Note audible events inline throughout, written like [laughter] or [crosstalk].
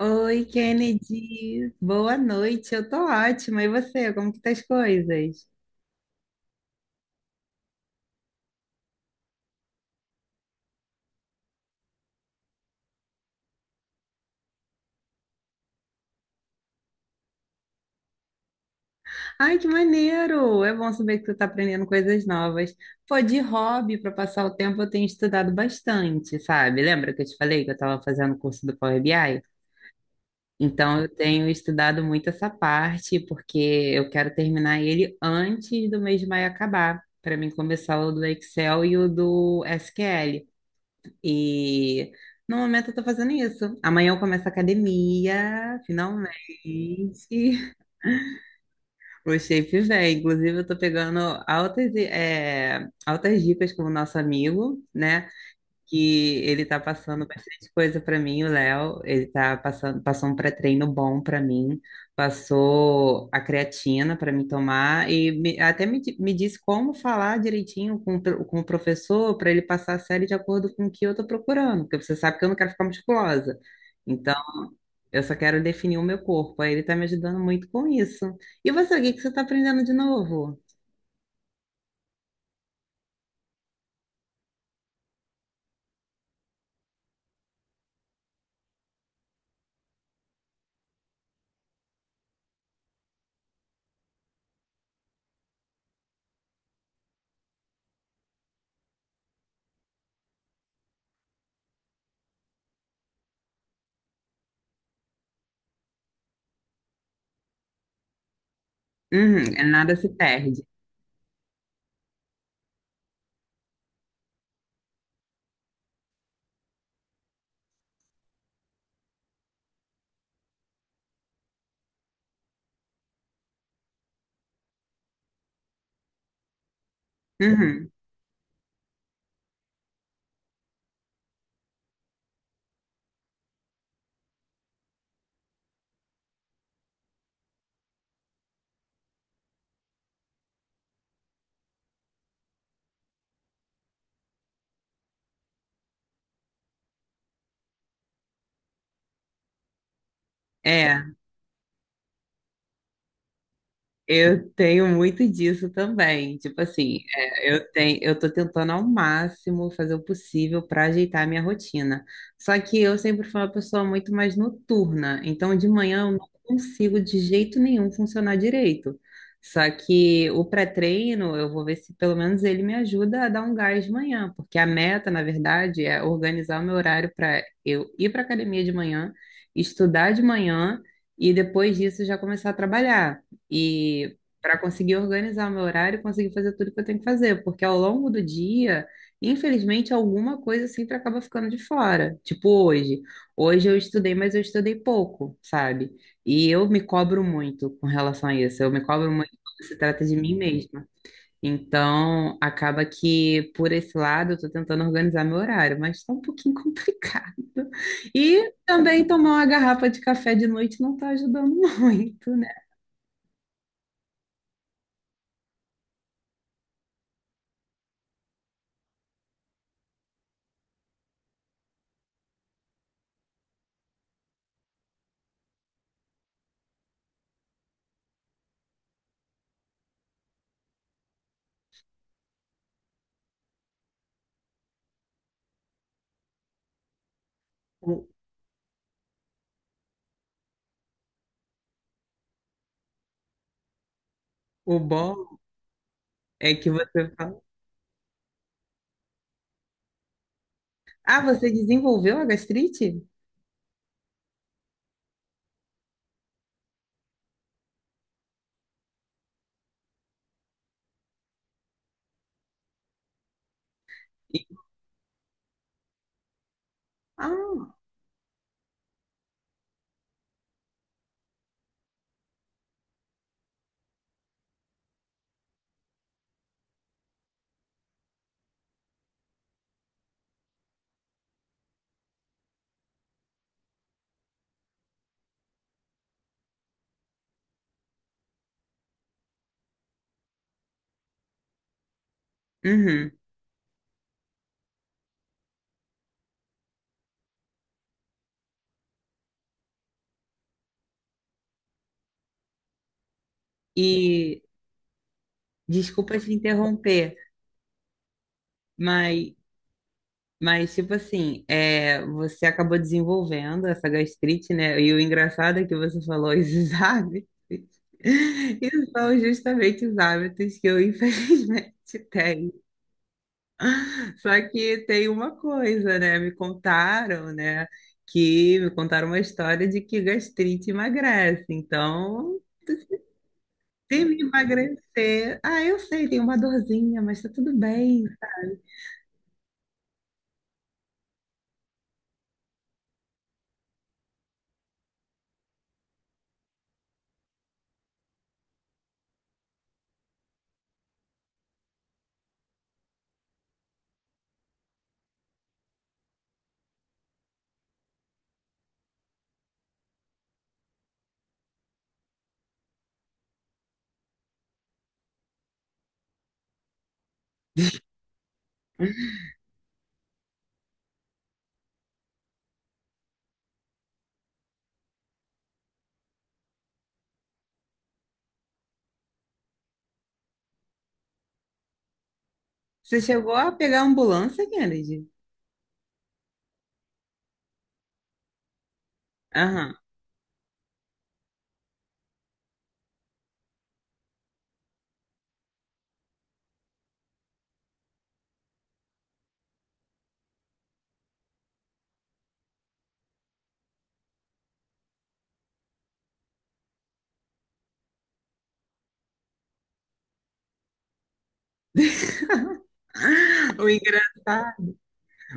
Oi, Kennedy. Boa noite. Eu tô ótima. E você? Como que tá as coisas? Ai, que maneiro! É bom saber que tu tá aprendendo coisas novas. Pô, de hobby, para passar o tempo, eu tenho estudado bastante, sabe? Lembra que eu te falei que eu tava fazendo o curso do Power BI? Então, eu tenho estudado muito essa parte, porque eu quero terminar ele antes do mês de maio acabar, para mim começar o do Excel e o do SQL. E no momento eu tô fazendo isso. Amanhã eu começo a academia, finalmente. [laughs] O shape vem. Inclusive, eu tô pegando altas, eh, altas dicas com o nosso amigo, né? Que ele tá passando bastante coisa pra mim, o Léo. Ele tá passando, passou um pré-treino bom pra mim, passou a creatina pra me tomar e me disse como falar direitinho com, com o professor pra ele passar a série de acordo com o que eu tô procurando, porque você sabe que eu não quero ficar musculosa. Então, eu só quero definir o meu corpo. Aí ele tá me ajudando muito com isso. E você, o que que você tá aprendendo de novo? Uhum, nada se perde. Uhum, é. Eu tenho muito disso também. Tipo assim, eu tenho, eu tô tentando ao máximo fazer o possível para ajeitar a minha rotina. Só que eu sempre fui uma pessoa muito mais noturna, então de manhã eu não consigo de jeito nenhum funcionar direito. Só que o pré-treino, eu vou ver se pelo menos ele me ajuda a dar um gás de manhã, porque a meta, na verdade, é organizar o meu horário para eu ir para academia de manhã, estudar de manhã e depois disso já começar a trabalhar. E para conseguir organizar meu horário, e conseguir fazer tudo que eu tenho que fazer, porque ao longo do dia, infelizmente, alguma coisa sempre acaba ficando de fora. Tipo hoje. Hoje eu estudei, mas eu estudei pouco, sabe? E eu me cobro muito com relação a isso. Eu me cobro muito quando se trata de mim mesma. Então, acaba que por esse lado eu tô tentando organizar meu horário, mas tá um pouquinho [laughs] complicado. E também tomar uma garrafa de café de noite não tá ajudando muito, né? O, o bom é que você fala. Ah, você desenvolveu a gastrite? E- Ah, uhum. E desculpa te interromper, mas, mas tipo assim, você acabou desenvolvendo essa gastrite, né? E o engraçado é que você falou esses [laughs] hábitos. E são justamente os hábitos que eu, infelizmente, [laughs] tenho. Só que tem uma coisa, né? Me contaram, né? Que me contaram uma história de que gastrite emagrece. Então, teve que emagrecer. Ah, eu sei, tem uma dorzinha, mas tá tudo bem. Você chegou a pegar a ambulância, Kennedy? Aham. O engraçado.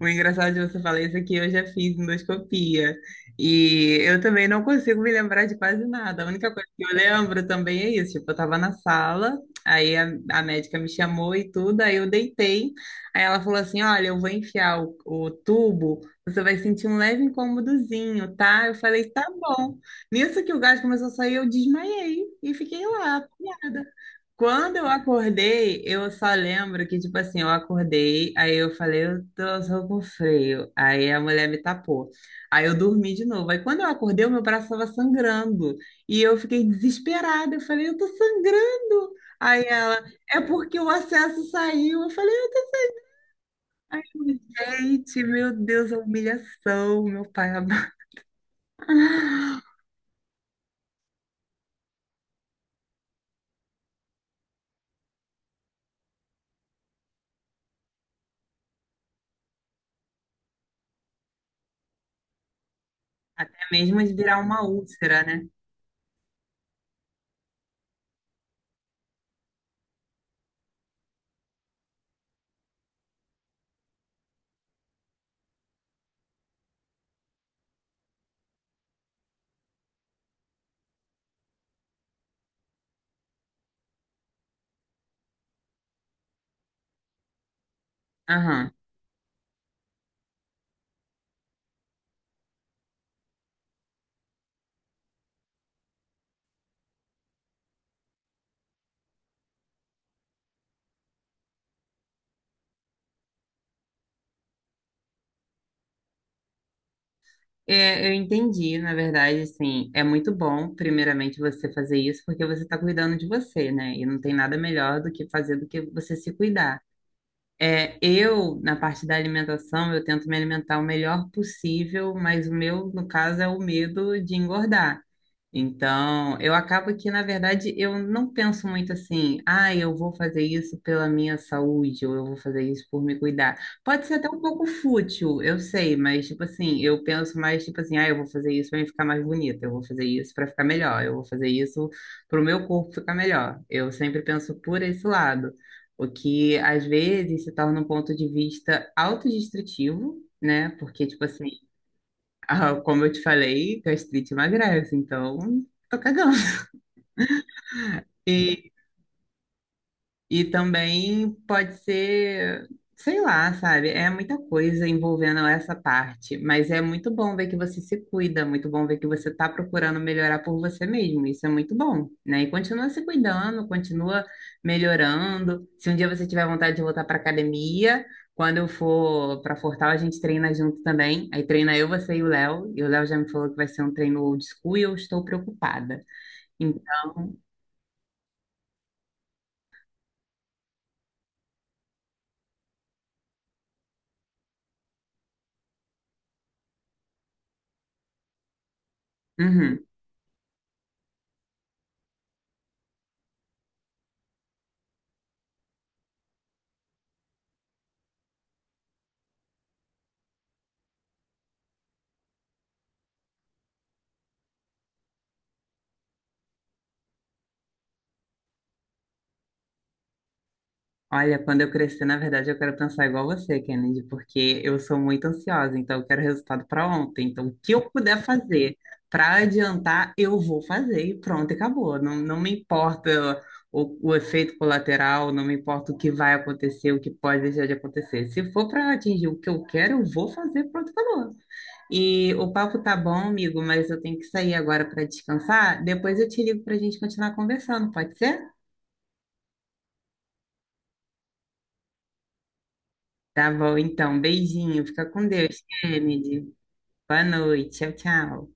O engraçado de você falar isso é que eu já fiz endoscopia e eu também não consigo me lembrar de quase nada. A única coisa que eu lembro também é isso. Tipo, eu tava na sala, aí a médica me chamou e tudo, aí eu deitei. Aí ela falou assim: Olha, eu vou enfiar o tubo, você vai sentir um leve incômodozinho, tá? Eu falei: Tá bom. Nisso que o gás começou a sair, eu desmaiei e fiquei lá, apanhada. Quando eu acordei, eu só lembro que, tipo assim, eu acordei, aí eu falei, eu tô só com freio. Aí a mulher me tapou. Aí eu dormi de novo. Aí quando eu acordei, o meu braço estava sangrando. E eu fiquei desesperada. Eu falei, eu tô sangrando. Aí ela, é porque o acesso saiu. Eu falei, gente, meu Deus, a humilhação, meu pai amado. [laughs] Até mesmo de virar uma úlcera, né? Aham. É, eu entendi, na verdade, assim, é muito bom, primeiramente, você fazer isso, porque você está cuidando de você, né? E não tem nada melhor do que fazer do que você se cuidar. É, eu, na parte da alimentação, eu tento me alimentar o melhor possível, mas o meu, no caso, é o medo de engordar. Então, eu acabo que, na verdade, eu não penso muito assim, ah, eu vou fazer isso pela minha saúde, ou eu vou fazer isso por me cuidar. Pode ser até um pouco fútil, eu sei, mas, tipo assim, eu penso mais, tipo assim, ah, eu vou fazer isso para me ficar mais bonita, eu vou fazer isso para ficar melhor, eu vou fazer isso para o meu corpo ficar melhor. Eu sempre penso por esse lado, o que, às vezes, se torna um ponto de vista autodestrutivo, né? Porque, tipo assim, ah, como eu te falei, gastrite emagrece, então tô cagando. E E também pode ser, sei lá, sabe? É muita coisa envolvendo essa parte, mas é muito bom ver que você se cuida, muito bom ver que você está procurando melhorar por você mesmo. Isso é muito bom, né? E continua se cuidando, continua melhorando. Se um dia você tiver vontade de voltar para academia, quando eu for para Fortal, a gente treina junto também. Aí treina eu, você e o Léo. E o Léo já me falou que vai ser um treino old school e eu estou preocupada. Então, uhum. Olha, quando eu crescer, na verdade, eu quero pensar igual você, Kennedy, porque eu sou muito ansiosa, então eu quero resultado para ontem. Então, o que eu puder fazer para adiantar, eu vou fazer e pronto, e acabou. Não, não me importa o efeito colateral, não me importa o que vai acontecer, o que pode deixar de acontecer. Se for para atingir o que eu quero, eu vou fazer, pronto, acabou. E o papo tá bom, amigo, mas eu tenho que sair agora para descansar. Depois eu te ligo para a gente continuar conversando, pode ser? Tá bom, então. Beijinho. Fica com Deus, Kennedy. Boa noite. Tchau, tchau.